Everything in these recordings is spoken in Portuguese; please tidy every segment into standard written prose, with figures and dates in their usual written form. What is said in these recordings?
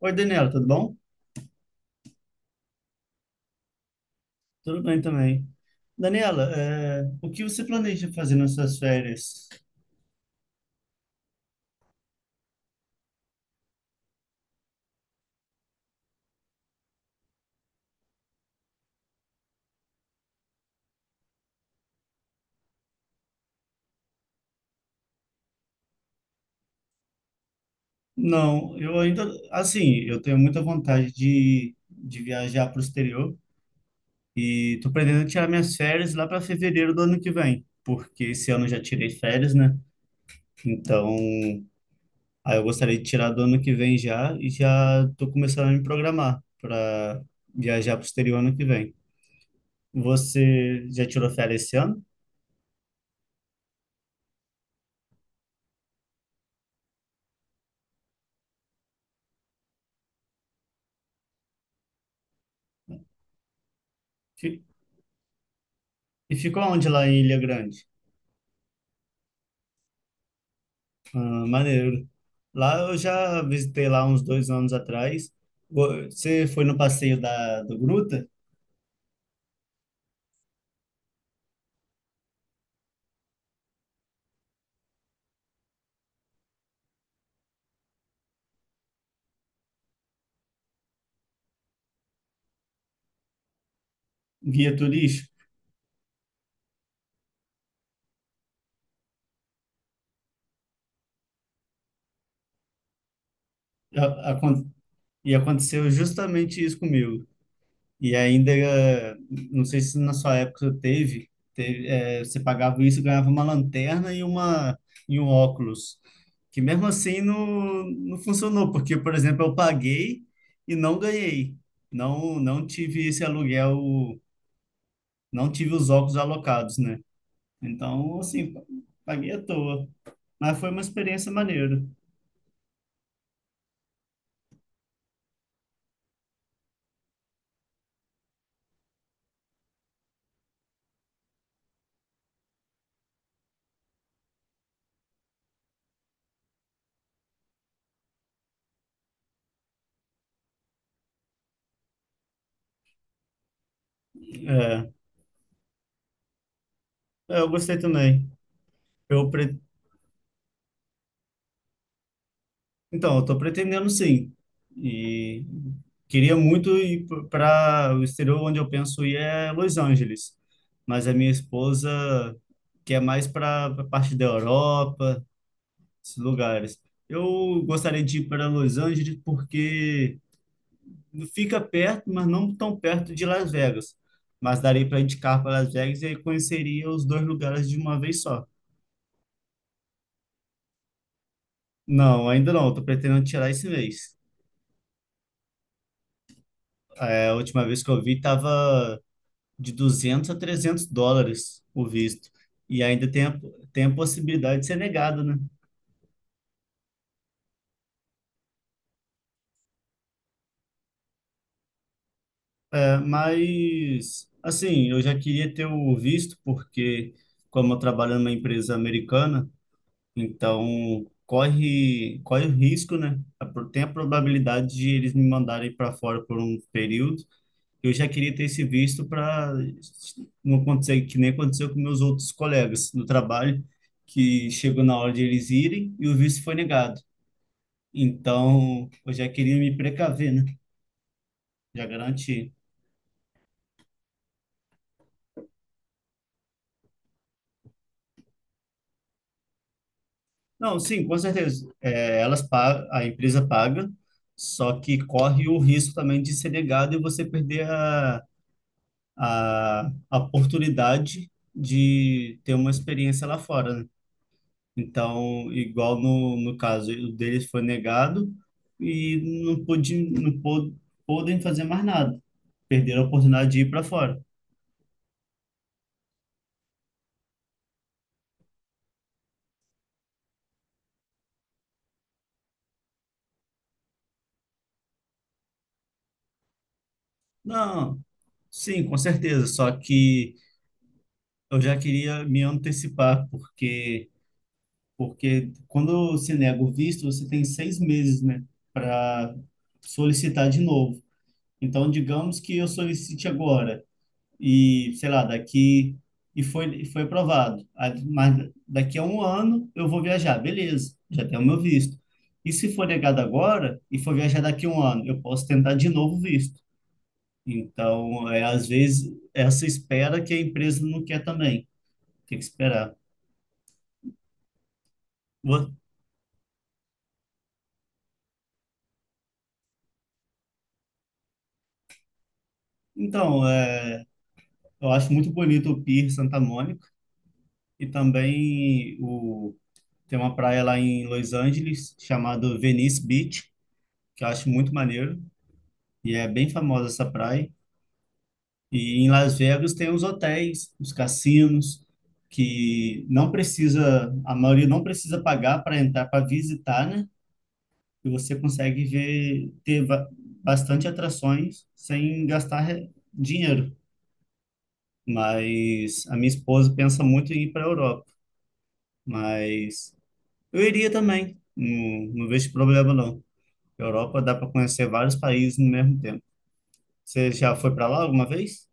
Oi, Daniela, tudo bom? Tudo bem também. Daniela, o que você planeja fazer nas suas férias? Não, eu ainda, assim, eu tenho muita vontade de viajar para o exterior e tô pretendendo tirar minhas férias lá para fevereiro do ano que vem, porque esse ano eu já tirei férias, né? Então, aí eu gostaria de tirar do ano que vem já e já tô começando a me programar para viajar para o exterior ano que vem. Você já tirou férias esse ano? Fi- E ficou onde lá em Ilha Grande? Ah, maneiro. Lá eu já visitei lá uns 2 anos atrás. Você foi no passeio da do Gruta, guia turístico? A- acon- E aconteceu justamente isso comigo. E ainda, não sei se na sua época teve, teve, você pagava isso e ganhava uma lanterna e uma e um óculos. Que mesmo assim não funcionou, porque, por exemplo, eu paguei e não ganhei. Não, não tive esse aluguel, não tive os óculos alocados, né? Então, assim, paguei à toa. Mas foi uma experiência maneira. É, eu gostei também. Eu, pre- Então, eu estou pretendendo sim. E queria muito ir para o exterior, onde eu penso ir é Los Angeles. Mas a minha esposa quer mais para a parte da Europa, esses lugares. Eu gostaria de ir para Los Angeles porque fica perto, mas não tão perto de Las Vegas. Mas daria para indicar para Las Vegas e aí conheceria os dois lugares de uma vez só. Não, ainda não. Estou pretendendo tirar esse mês. É, a última vez que eu vi estava de US$ 200 a US$ 300 o visto. E ainda tem a possibilidade de ser negado, né? É. Mas, assim, eu já queria ter o visto, porque, como eu trabalho numa empresa americana, então corre o risco, né? Tem a probabilidade de eles me mandarem para fora por um período. Eu já queria ter esse visto para não acontecer que nem aconteceu com meus outros colegas no trabalho, que chegou na hora de eles irem e o visto foi negado. Então, eu já queria me precaver, né? Já garantir. Não, sim, com certeza. É, a empresa paga, só que corre o risco também de ser negado e você perder a oportunidade de ter uma experiência lá fora, né? Então, igual no caso, o deles foi negado e não pude, não pô- podem fazer mais nada. Perderam a oportunidade de ir para fora. Não, sim, com certeza. Só que eu já queria me antecipar, porque, porque quando se nega o visto, você tem 6 meses, né, para solicitar de novo. Então, digamos que eu solicite agora, e sei lá, daqui. E foi aprovado. Ah, mas daqui a 1 ano eu vou viajar, beleza, já tenho o meu visto. E se for negado agora e for viajar daqui a um ano, eu posso tentar de novo o visto. Então, é, às vezes, essa espera que a empresa não quer também, tem que esperar. Então, é, eu acho muito bonito o Pier Santa Mônica e também tem uma praia lá em Los Angeles chamada Venice Beach, que eu acho muito maneiro, e é bem famosa essa praia. E em Las Vegas tem os hotéis, os cassinos, que não precisa, a maioria não precisa pagar para entrar, para visitar, né? E você consegue bastante atrações sem gastar dinheiro. Mas a minha esposa pensa muito em ir para a Europa. Mas eu iria também. Não, não vejo problema, não. Europa dá para conhecer vários países no mesmo tempo. Você já foi para lá alguma vez?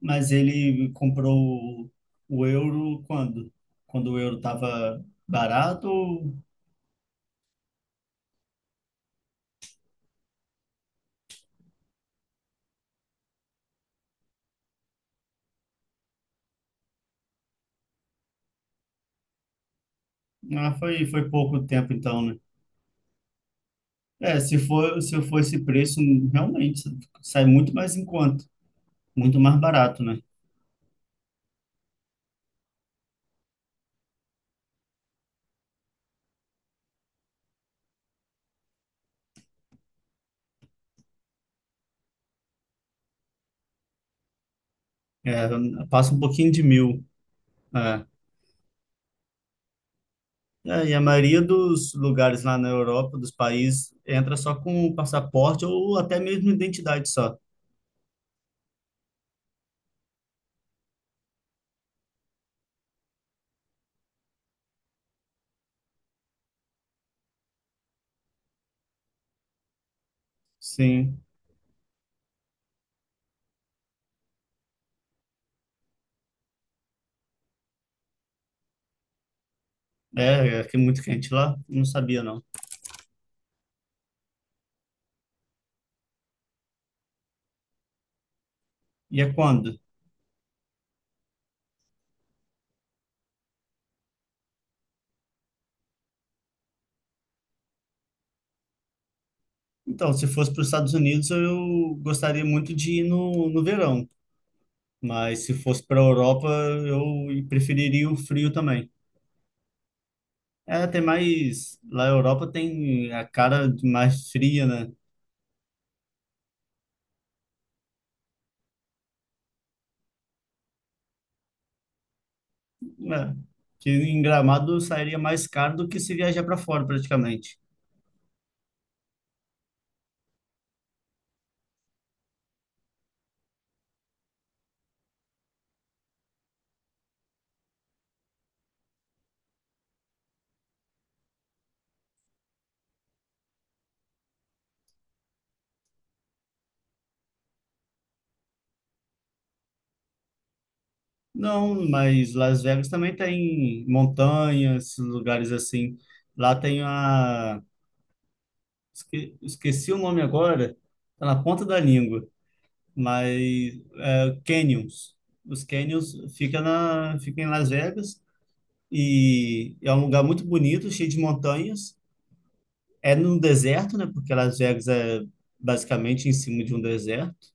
Mas ele comprou o euro quando? Quando o euro estava barato? Ah, foi pouco tempo então, né? É, se for esse preço, realmente sai muito mais em conta, muito mais barato, né? É, passa um pouquinho de 1.000. É. É, e a maioria dos lugares lá na Europa, dos países, entra só com o passaporte ou até mesmo identidade só. Sim. É, é que é muito quente lá, não sabia não. E é quando? Então, se fosse para os Estados Unidos, eu gostaria muito de ir no verão. Mas se fosse para a Europa, eu preferiria o frio também. É, tem mais. Lá na Europa tem a cara de mais fria, né? É, que em Gramado sairia mais caro do que se viajar para fora, praticamente. Não, mas Las Vegas também tem montanhas, lugares assim. Lá tem a. Esqueci o nome agora, tá na ponta da língua, mas é, Canyons. Os Canyons fica em Las Vegas e é um lugar muito bonito, cheio de montanhas. É num deserto, né? Porque Las Vegas é basicamente em cima de um deserto.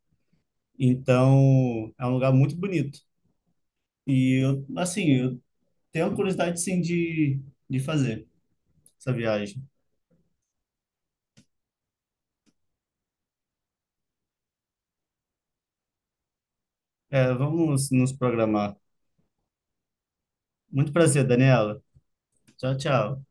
Então, é um lugar muito bonito. E eu, assim, eu tenho curiosidade sim de fazer essa viagem. É, vamos nos programar. Muito prazer, Daniela. Tchau, tchau.